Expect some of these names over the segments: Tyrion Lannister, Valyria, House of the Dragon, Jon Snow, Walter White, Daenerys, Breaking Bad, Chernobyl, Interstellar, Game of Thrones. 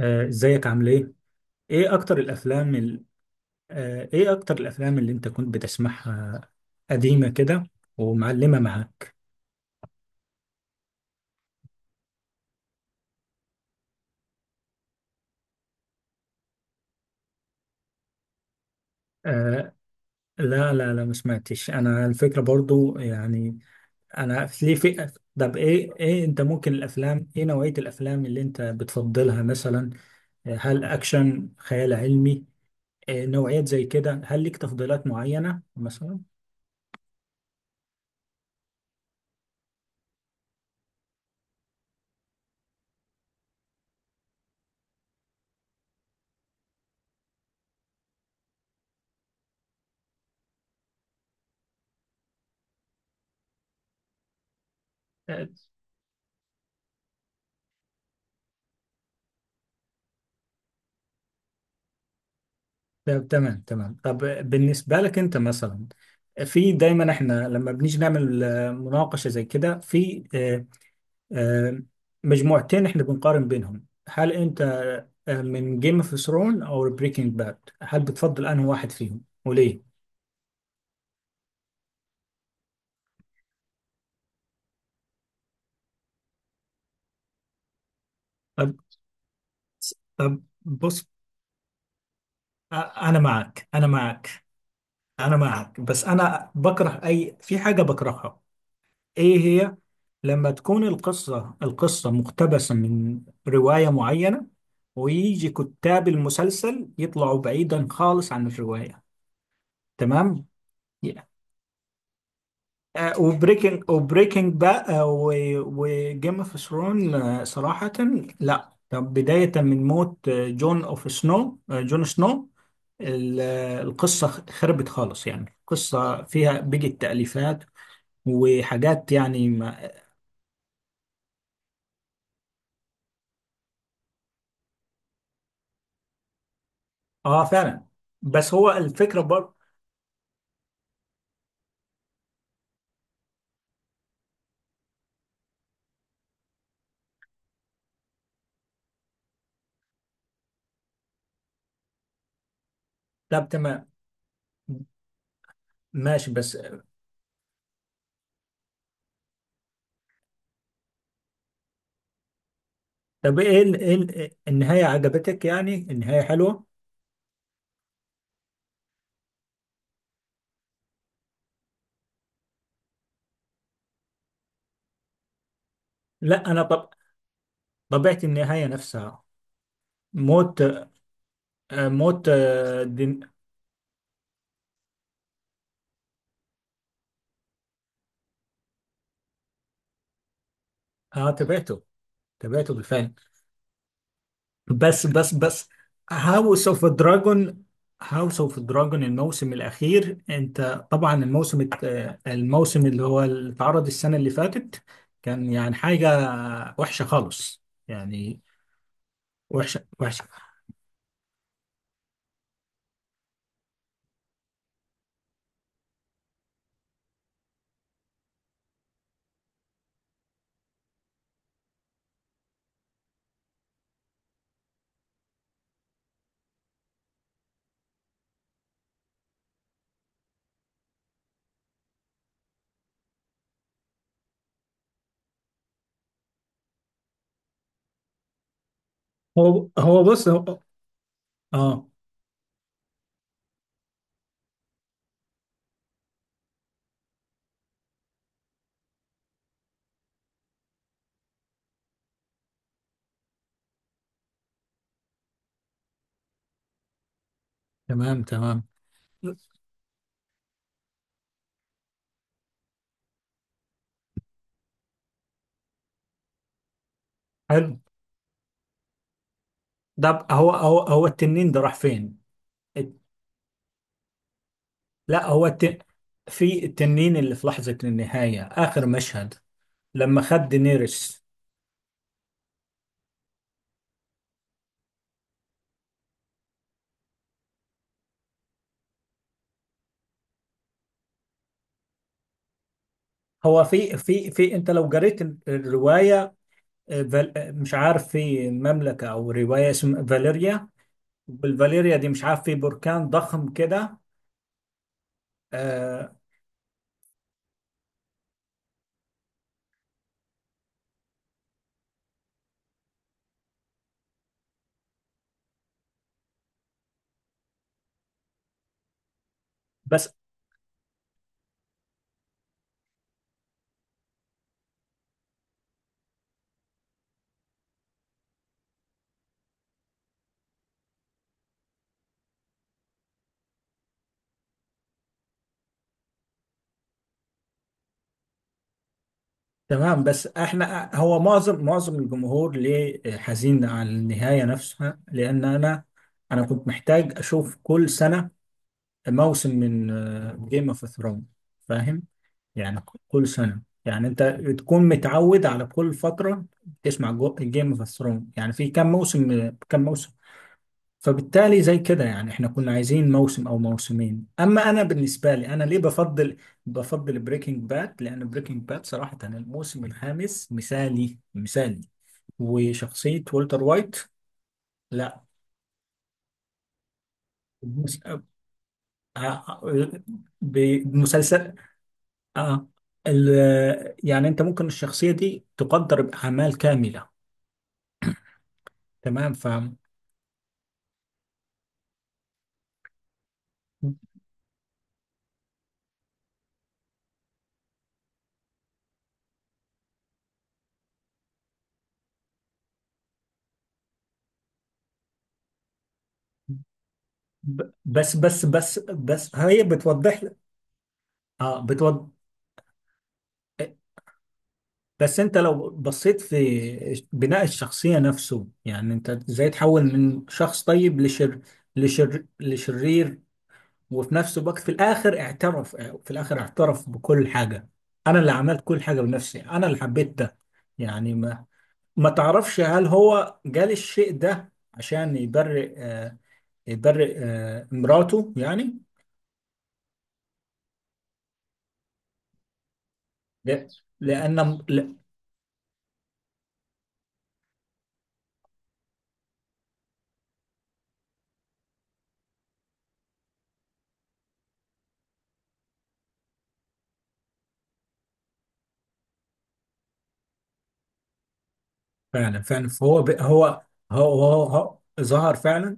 ازيك عامل ايه؟ ايه اكتر الافلام ايه اكتر الافلام اللي انت كنت بتسمعها قديمة كده ومعلمة معاك؟ آه، لا لا لا، ما سمعتش انا الفكرة برضو يعني. انا في ليه في. طب ايه انت ممكن الافلام، ايه نوعية الافلام اللي انت بتفضلها مثلا؟ هل اكشن، خيال علمي؟ نوعيات زي كده، هل ليك تفضيلات معينة مثلا؟ طب تمام تمام، طب. بالنسبة لك أنت مثلا، في دايما احنا لما بنيجي نعمل مناقشة زي كده، في آه، مجموعتين احنا بنقارن بينهم، هل أنت من جيم اوف ثرون أو بريكنج باد، هل بتفضل أنهي واحد فيهم وليه؟ طب. بص. أ- انا معك، انا معك، انا معك، بس انا بكره اي في حاجه بكرهها. ايه هي؟ لما تكون القصة مقتبسة من رواية معينة، ويجي كتاب المسلسل يطلعوا بعيدا خالص عن الرواية. تمام. Yeah. وبريكنج بقى، وجيم اوف ثرون صراحة. لا، طب بداية من موت جون سنو، القصة خربت خالص، يعني القصة فيها بيجي تأليفات وحاجات يعني ما... اه، فعلا. بس هو الفكرة برضه. طب تمام، ماشي. بس طب النهاية عجبتك، يعني النهاية حلوة؟ لا انا، طب طبيعة النهاية نفسها. موت، موت اه، تابعته، تابعته بالفعل. بس، هاوس اوف دراجون. هاوس اوف دراجون الموسم الاخير، انت طبعا الموسم الموسم اللي هو اللي اتعرض السنة اللي فاتت كان يعني حاجة وحشة خالص، يعني وحشة وحشة. هو هو بص، هو، اه. تمام تمام. حلو. هو التنين ده راح فين؟ الت- لا هو في التنين اللي في لحظة النهاية، آخر مشهد، لما خد دينيريس. هو في في في انت لو قريت الرواية آه، فال... آه، مش عارف، في مملكة او رواية اسمها فاليريا، والفاليريا دي مش عارف في بركان ضخم كده. آه. بس تمام. بس احنا هو معظم الجمهور ليه حزين على النهاية نفسها، لان انا، انا كنت محتاج اشوف كل سنة موسم من جيم اوف ثرونز، فاهم؟ يعني كل سنة، يعني انت تكون متعود على كل فترة تسمع جيم اوف ثرونز، يعني في كام موسم، كام موسم؟ فبالتالي زي كده يعني احنا كنا عايزين موسم او موسمين، اما انا بالنسبة لي انا ليه بفضل، بفضل بريكنج باد، لان بريكنج باد صراحة الموسم الخامس مثالي مثالي، وشخصية والتر وايت. لا، بمس- آه، آه، بمسلسل، اه، ال يعني انت ممكن الشخصيه دي تقدر باعمال كامله. تمام، فاهم. بس هي بتوضح لك. اه، بتوضح. بس انت لو بصيت في بناء الشخصيه نفسه، يعني انت ازاي تحول من شخص طيب لشرير، وفي نفس الوقت في الاخر اعترف، في الاخر اعترف بكل حاجه. انا اللي عملت كل حاجه بنفسي، انا اللي حبيت ده، يعني ما تعرفش هل هو جال الشيء ده عشان يبرئ مراته يعني؟ لا- لأن لا، فعلا، فعلا، فهو هو، هو ظهر فعلا.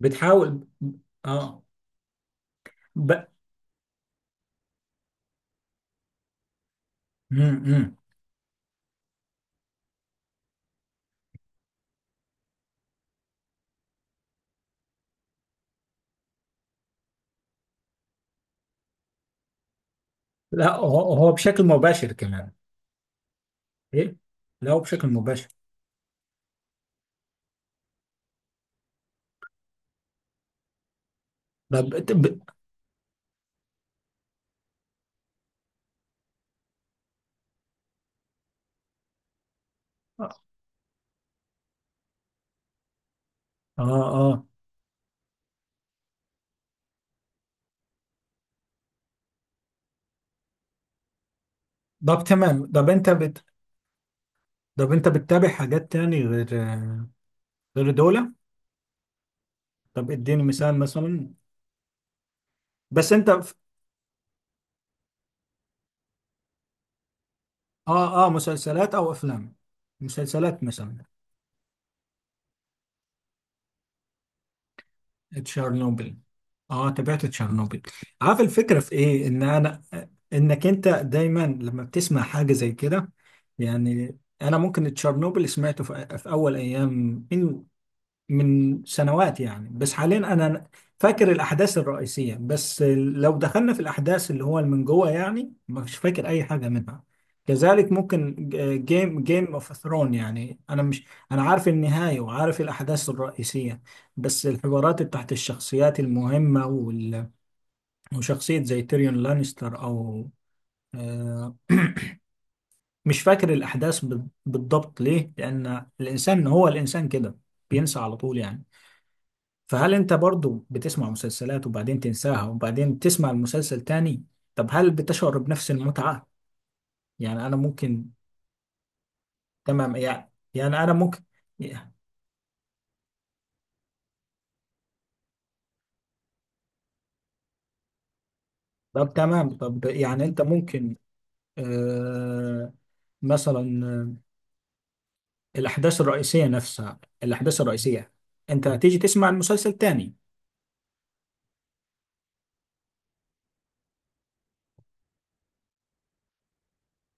بتحاول، اه ب... م -م. لا، هو بشكل مباشر كمان. ايه، لا هو بشكل مباشر. طب اه، اه. طب تمام، طب انت طب انت بتتابع حاجات تاني آه، غير دول؟ طب اديني مثال مثلا، بس انت. اه، اه، مسلسلات او افلام، مسلسلات مثلا. تشيرنوبل. اه، تابعت تشيرنوبل. عارف الفكره في ايه؟ ان انا، انك انت دايما لما بتسمع حاجه زي كده، يعني انا ممكن تشيرنوبل سمعته في اول ايام، من سنوات يعني، بس حاليا انا فاكر الاحداث الرئيسيه، بس لو دخلنا في الاحداث اللي هو من جوه يعني مش فاكر اي حاجه منها. كذلك ممكن جيم اوف ثرون، يعني انا مش، انا عارف النهايه وعارف الاحداث الرئيسيه، بس الحوارات تحت الشخصيات المهمه وشخصيه زي تيريون لانستر، او آه، مش فاكر الاحداث بالضبط، ليه؟ لان الانسان هو الانسان كده، بينسى على طول يعني. فهل انت برضو بتسمع مسلسلات وبعدين تنساها وبعدين تسمع المسلسل تاني؟ طب هل بتشعر بنفس المتعة؟ يعني انا ممكن، تمام، يعني انا ممكن. طب تمام، طب يعني انت ممكن آه مثلا، الاحداث الرئيسية نفسها، الاحداث الرئيسية انت هتيجي تسمع المسلسل تاني.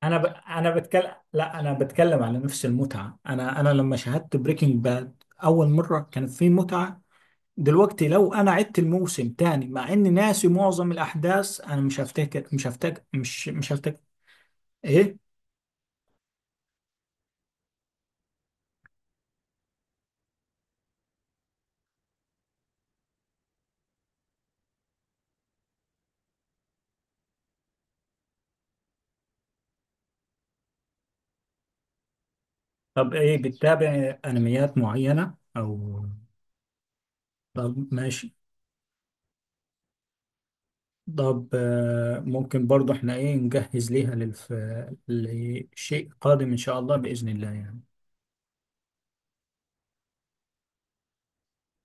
انا بتكلم، لا، انا بتكلم على نفس المتعة. انا لما شاهدت بريكنج باد اول مرة كانت في متعة، دلوقتي لو انا عدت الموسم تاني مع اني ناسي معظم الاحداث، انا مش هفتكر مش هفتكر مش مش هفتكر. ايه؟ طب ايه بتتابع انميات معينة، او طب ماشي. طب، ممكن برضو احنا ايه نجهز ليها لشيء قادم ان شاء الله، بإذن الله يعني.